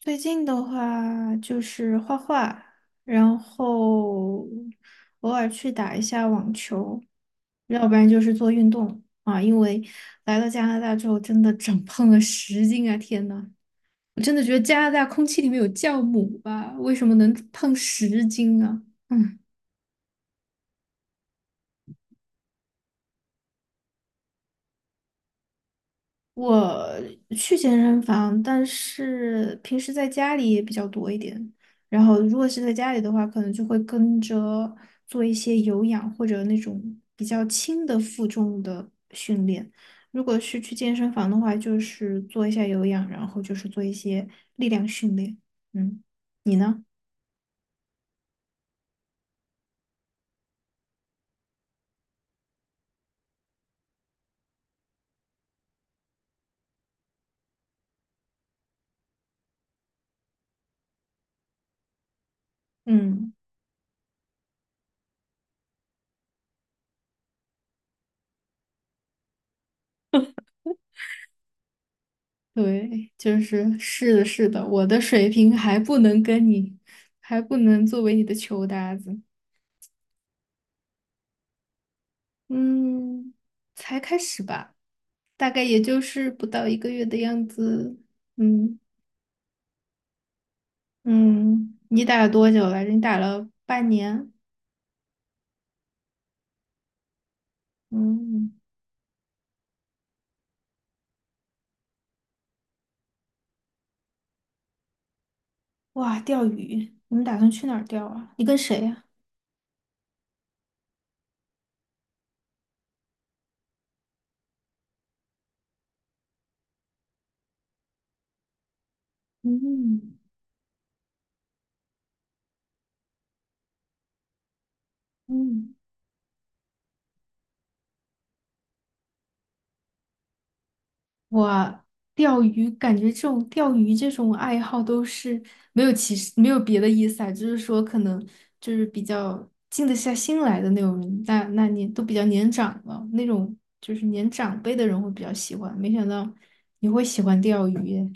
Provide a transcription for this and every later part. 最近的话就是画画，然后偶尔去打一下网球，要不然就是做运动啊。因为来到加拿大之后，真的长胖了十斤啊！天呐，我真的觉得加拿大空气里面有酵母吧？为什么能胖十斤啊？嗯。我去健身房，但是平时在家里也比较多一点。然后，如果是在家里的话，可能就会跟着做一些有氧或者那种比较轻的负重的训练。如果是去健身房的话，就是做一下有氧，然后就是做一些力量训练。嗯，你呢？嗯，对，就是是的，是的，我的水平还不能跟你，还不能作为你的球搭子。嗯，才开始吧，大概也就是不到1个月的样子。嗯嗯，你打了多久来着？你打了半年。嗯，哇，钓鱼，你们打算去哪儿钓啊？你跟谁呀？嗯嗯。我钓鱼，感觉这种钓鱼这种爱好都是没有其实没有别的意思啊，就是说可能就是比较静得下心来的那种人，那你都比较年长了，那种就是年长辈的人会比较喜欢。没想到你会喜欢钓鱼耶，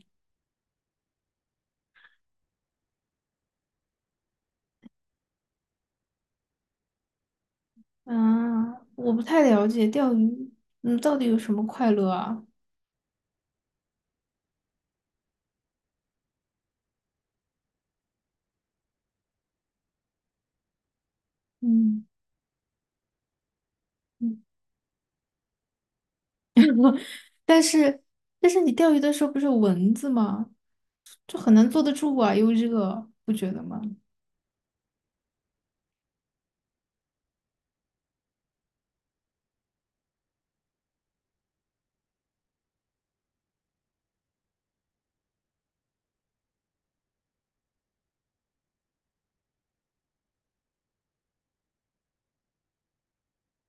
啊，我不太了解钓鱼，嗯，到底有什么快乐啊？嗯嗯，但是但是你钓鱼的时候不是有蚊子吗？就很难坐得住啊，又热，不觉得吗？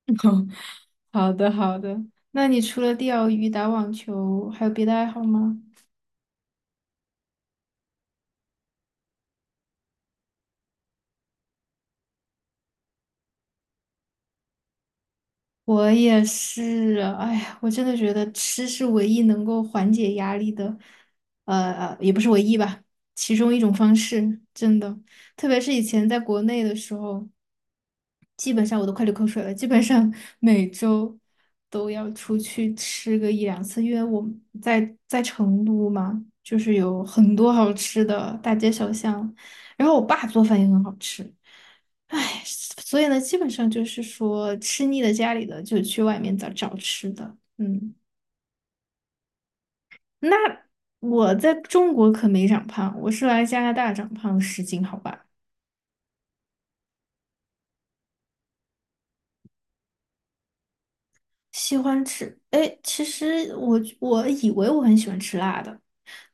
好的，好的。那你除了钓鱼、打网球，还有别的爱好吗？我也是啊，哎呀，我真的觉得吃是唯一能够缓解压力的，也不是唯一吧，其中一种方式，真的。特别是以前在国内的时候。基本上我都快流口水了，基本上每周都要出去吃个一两次，因为我们在成都嘛，就是有很多好吃的大街小巷，然后我爸做饭也很好吃，唉，所以呢，基本上就是说吃腻了家里的，就去外面找找吃的，嗯，那我在中国可没长胖，我是来加拿大长胖十斤，好吧。喜欢吃，哎，其实我以为我很喜欢吃辣的，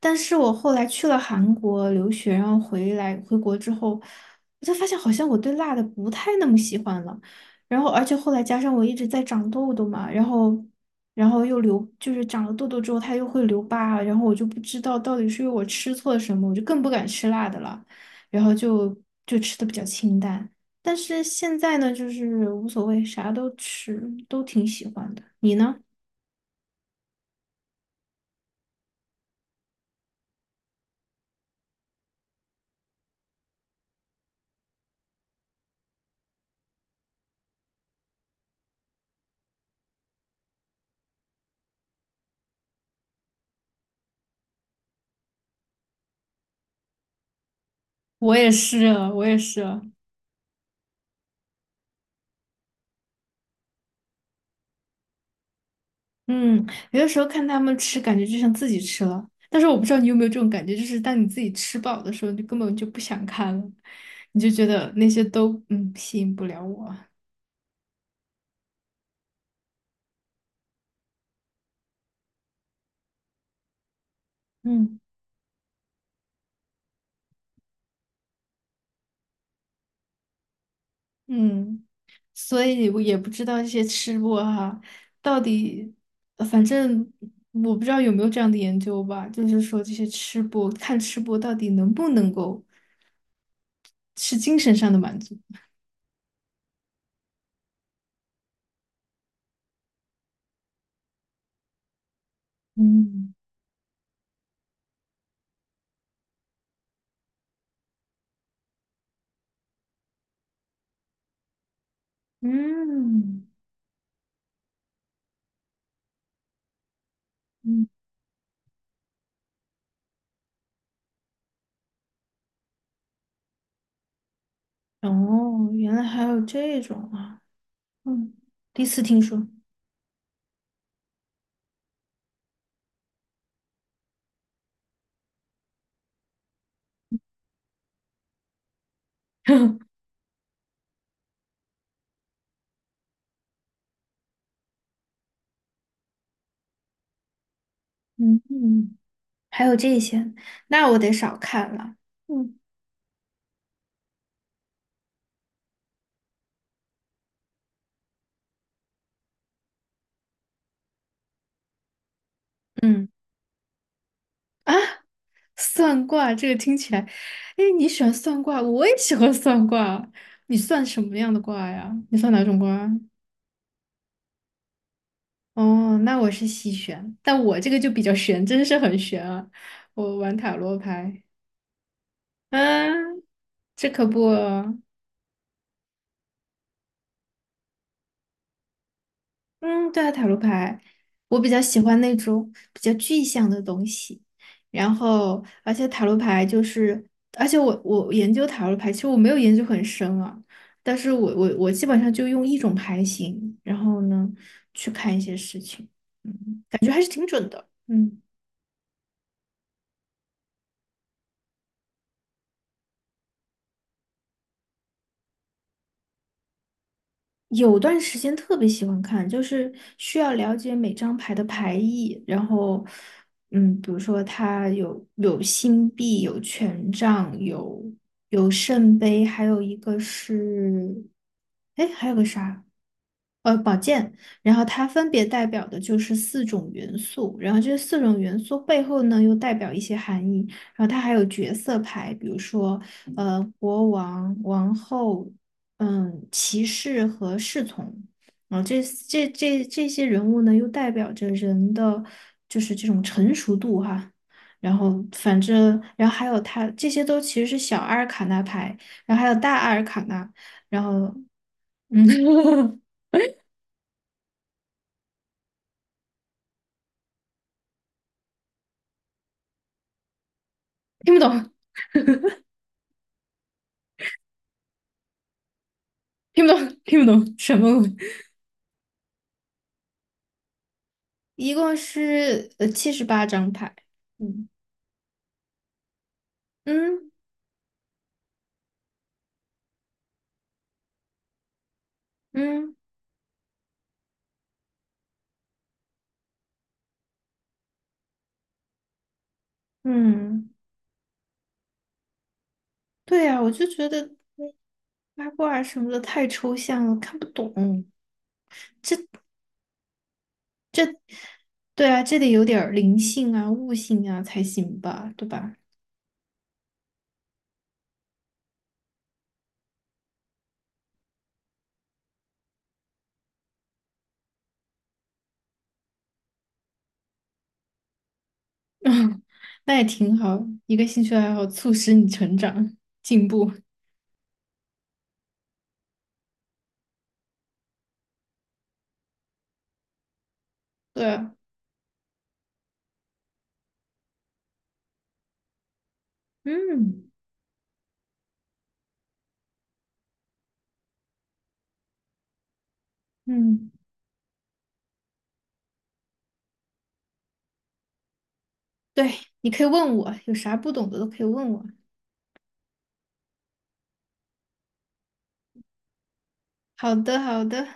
但是我后来去了韩国留学，然后回国之后，我才发现好像我对辣的不太那么喜欢了。然后，而且后来加上我一直在长痘痘嘛，然后，然后就是长了痘痘之后它又会留疤，然后我就不知道到底是因为我吃错了什么，我就更不敢吃辣的了，然后就吃的比较清淡。但是现在呢，就是无所谓，啥都吃，都挺喜欢的。你呢？我也是，我也是。嗯，有的时候看他们吃，感觉就像自己吃了。但是我不知道你有没有这种感觉，就是当你自己吃饱的时候，你根本就不想看了，你就觉得那些都吸引不了我。嗯嗯，所以我也不知道这些吃播哈，到底，反正我不知道有没有这样的研究吧，就是说这些吃播看吃播到底能不能够是精神上的满足。嗯嗯嗯，哦，原来还有这种啊。嗯，第一次听说。嗯嗯，还有这些，那我得少看了。嗯嗯啊，算卦这个听起来，哎，你喜欢算卦，我也喜欢算卦。你算什么样的卦呀？你算哪种卦啊哦，那我是西玄，但我这个就比较玄，真是很玄啊。我玩塔罗牌，嗯，这可不。嗯，对啊，塔罗牌，我比较喜欢那种比较具象的东西。然后，而且塔罗牌就是，而且我研究塔罗牌，其实我没有研究很深啊，但是我基本上就用一种牌型，然后呢，去看一些事情。嗯嗯。有段时间特别喜欢看，就是需要了解每张牌的牌意，然后，嗯，比如说它有星币，有权杖，有圣杯，还有一个是，哎，还有个啥？然后它分别代表的就是四种元素，然后这四种元素背后呢又代表一些含义，然后它还有角色牌，比如说国王、王后、骑士和侍从，然后这些人物呢又代表着人的就是这种成熟度哈，然后反正然后还有它这些都其实是小阿尔卡纳牌，然后还有大阿尔卡纳，然后嗯 听不懂。听不懂，听不懂什么鬼一共是78张牌。嗯嗯嗯嗯，对呀，我就觉得嗯八卦什么的太抽象了，看不懂。对啊，这得有点儿灵性啊、悟性啊才行吧，对吧？嗯，那也挺好，一个兴趣爱好促使你成长进步。对啊，嗯嗯，对，你可以问我，有啥不懂的都可以问我。好的，好的。